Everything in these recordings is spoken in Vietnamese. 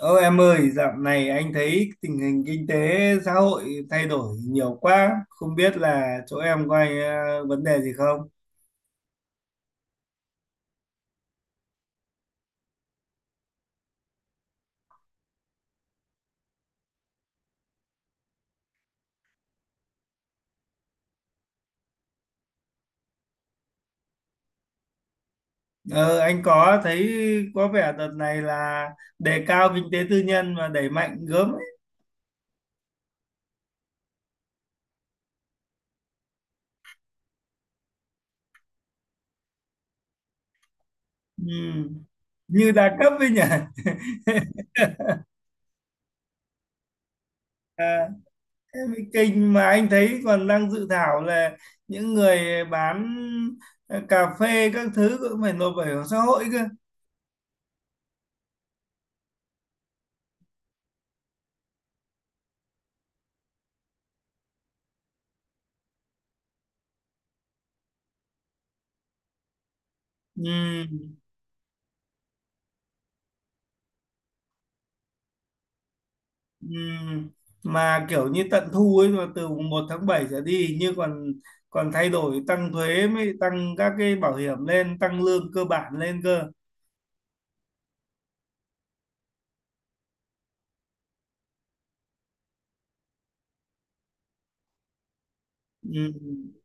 Ô em ơi, dạo này anh thấy tình hình kinh tế xã hội thay đổi nhiều quá, không biết là chỗ em có ai, vấn đề gì không? Ờ, anh có thấy có vẻ đợt này là đề cao kinh tế tư nhân và đẩy mạnh gớm ấy. Ừ. Như đa cấp ấy nhỉ? À, thế mới kinh, mà anh thấy còn đang dự thảo là những người bán cà phê các thứ cũng phải nộp bảo hiểm xã hội cơ. Ừ. Ừm, mà kiểu như tận thu ấy, mà từ mùng 1 tháng 7 trở đi hình như còn còn thay đổi, tăng thuế mới, tăng các cái bảo hiểm lên, tăng lương cơ bản lên cơ. Ừm,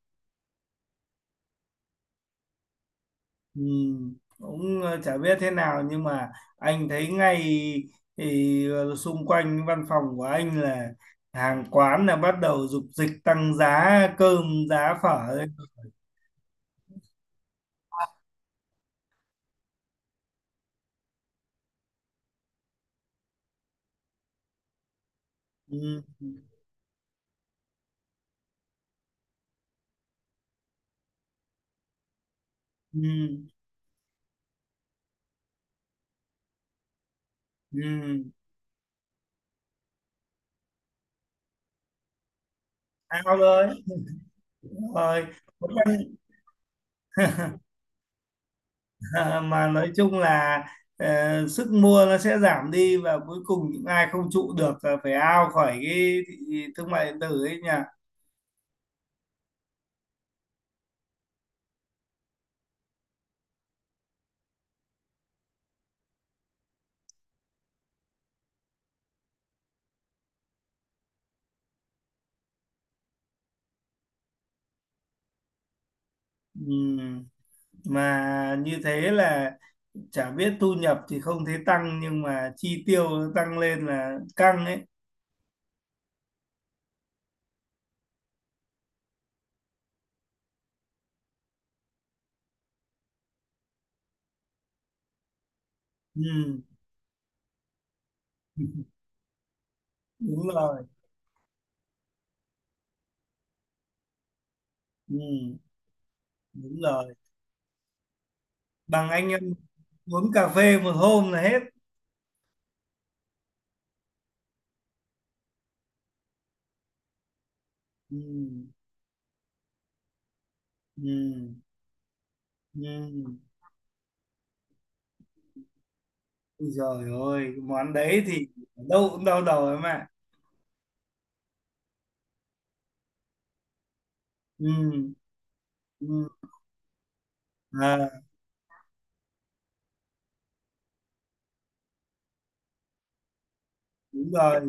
cũng chả biết thế nào nhưng mà anh thấy ngay thì xung quanh văn phòng của anh là hàng quán là bắt đầu dục dịch tăng giá cơm, giá phở đấy. Ừm, ừm, ừm. Ao đấy rồi. Ờ, mà nói chung là sức mua nó sẽ giảm đi và cuối cùng những ai không trụ được là phải out khỏi cái thị thương mại điện tử ấy nhỉ. Ừm, mà như thế là chả biết thu nhập thì không thấy tăng nhưng mà chi tiêu nó tăng lên là căng ấy. Ừm, đúng rồi. Ừm, đúng rồi, bằng anh em uống cà phê một hôm là hết. Ừm, ừm, ừm. Ui giời ơi, cái món đấy thì ở đâu cũng đau đầu em ạ. Ừ, ừ, à, đúng rồi,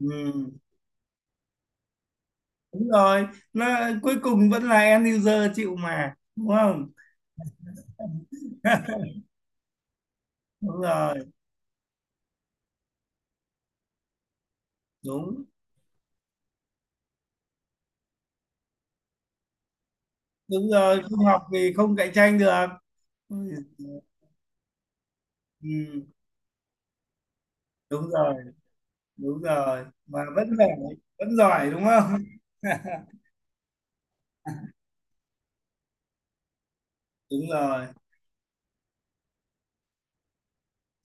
ừ, đúng rồi. Nó cuối cùng vẫn là end user chịu mà, đúng không? Đúng rồi, đúng, đúng rồi. Không học thì không cạnh tranh được. Ui giời, ừ, đúng rồi, đúng rồi. Mà vẫn giỏi đúng không? Đúng rồi.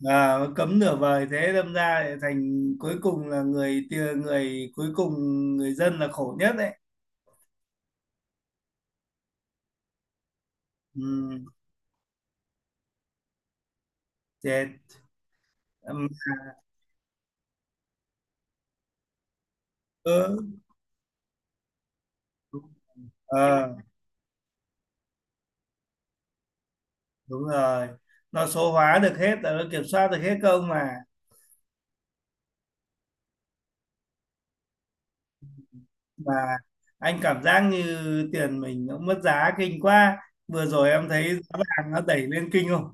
À, cấm nửa vời thế đâm ra lại thành cuối cùng là người cuối cùng, người dân là khổ nhất đấy. Ừ, chết. Ừm, ừ, ờ, đúng rồi, nó số hóa được hết, nó kiểm soát được hết công mà. Mà anh cảm giác như tiền mình nó mất giá kinh quá, vừa rồi em thấy giá vàng nó đẩy lên kinh không.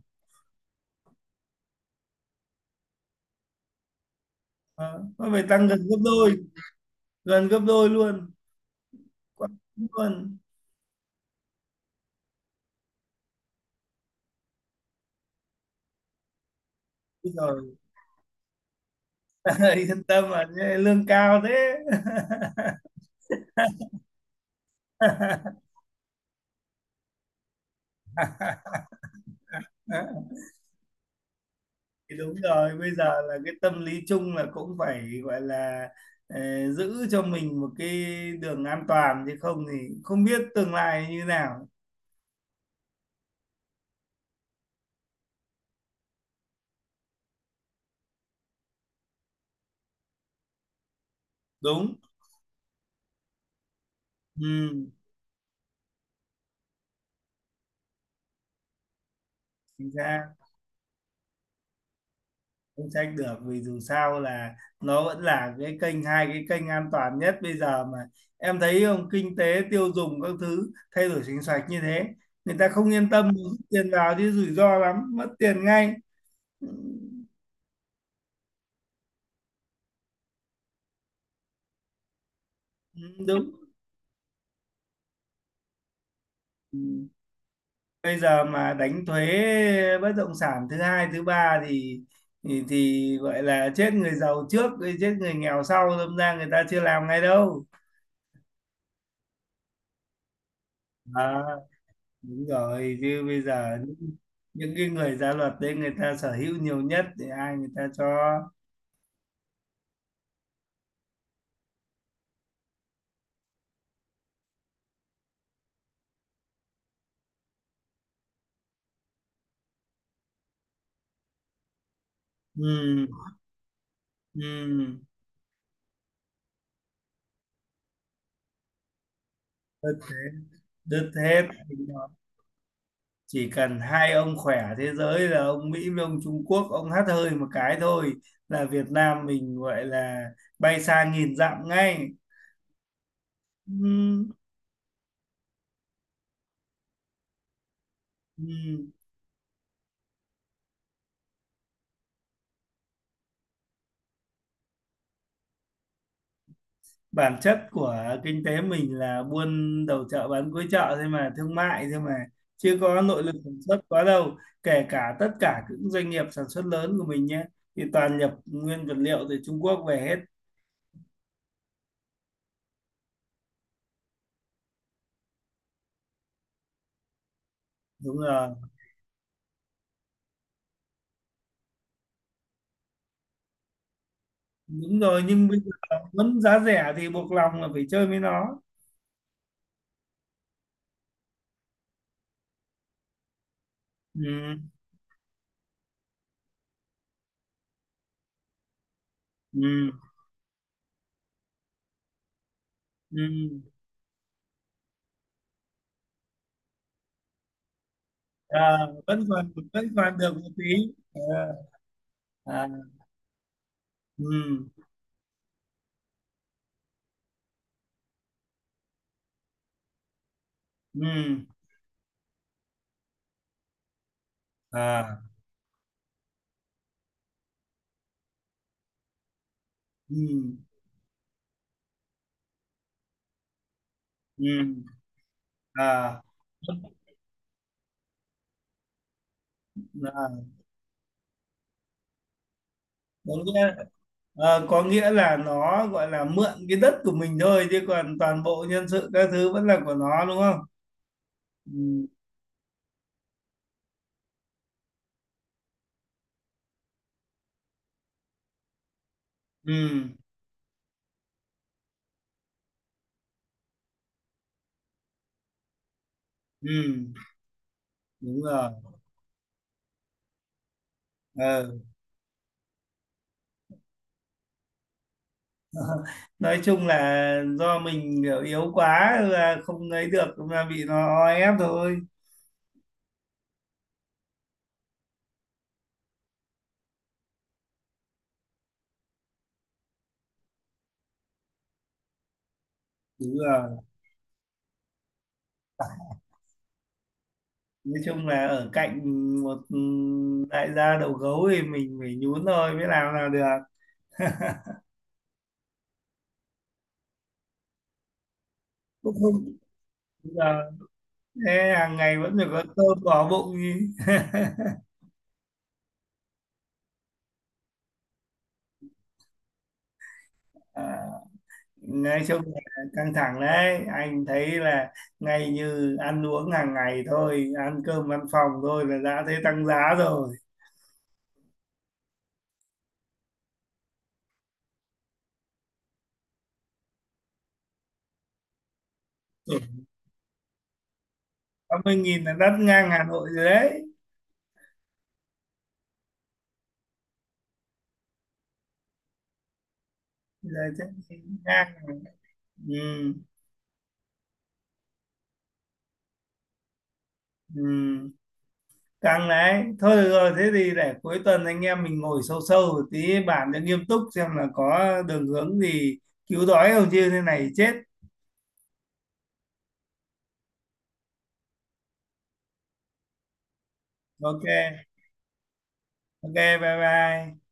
Ờ, nó phải tăng gần gấp đôi, gần gấp đôi luôn, quá luôn rồi. Yên tâm mà lương cao thế. Thì đúng rồi, bây giờ là cái tâm lý chung là cũng phải gọi là giữ cho mình một cái đường an toàn, chứ không thì không biết tương lai như nào. Đúng. Ừ, chính xác. Không trách được vì dù sao là nó vẫn là cái kênh hai cái kênh an toàn nhất bây giờ mà. Em thấy không, kinh tế tiêu dùng các thứ thay đổi chính sách như thế, người ta không yên tâm rút tiền vào chứ rủi ro lắm, mất tiền ngay. Ừ, đúng. Ừ. Bây giờ mà đánh thuế bất động sản thứ hai thứ ba thì thì gọi là chết người giàu trước rồi chết người nghèo sau, đâm ra người ta chưa làm ngay đâu. À, đúng rồi, chứ bây giờ những cái người ra luật đấy người ta sở hữu nhiều nhất thì ai người ta cho. Ừ, ừ, đứt hết. Chỉ cần hai ông khỏe thế giới là ông Mỹ với ông Trung Quốc, ông hắt hơi một cái thôi là Việt Nam mình gọi là bay xa nghìn dặm ngay. Ừ. Ừ, bản chất của kinh tế mình là buôn đầu chợ bán cuối chợ thôi mà, thương mại thôi mà, chứ có nội lực sản xuất quá đâu. Kể cả tất cả những doanh nghiệp sản xuất lớn của mình nhé thì toàn nhập nguyên vật liệu từ Trung Quốc về hết. Đúng rồi. Đúng rồi, nhưng bây giờ muốn giá rẻ thì buộc lòng là phải chơi với nó. Ừ, ừ, ừ. À, vẫn còn, vẫn còn được một tí. À, à, ừ, ừ, à, ừ, ừ, à. À. có nghĩa có nghĩa là nó gọi là mượn cái đất của mình thôi, chứ còn toàn bộ nhân sự các thứ vẫn là của nó, đúng không. Ừ. Ừ, ừ. Đúng rồi. Ờ. Nói chung là do mình kiểu yếu quá là không lấy được mà bị nó o ép thôi. Đúng rồi. Nói chung là ở cạnh một đại gia đầu gấu thì mình phải nhún thôi mới làm là được. Cũng không. Đúng rồi. Thế hàng ngày vẫn phải có cơm bỏ bụng đi. À. Nói chung là căng thẳng đấy, anh thấy là ngay như ăn uống hàng ngày thôi, ăn cơm văn phòng thôi là đã thấy tăng giá rồi. 80.000 là đắt ngang Hà Nội rồi đấy. Giờ chắc ngang rồi. Ừ, ừ. Căng đấy. Thôi được rồi, thế thì để cuối tuần anh em mình ngồi sâu sâu một tí bàn cho nghiêm túc xem là có đường hướng gì cứu đói không chứ thế này chết. OK, ok, bye bye.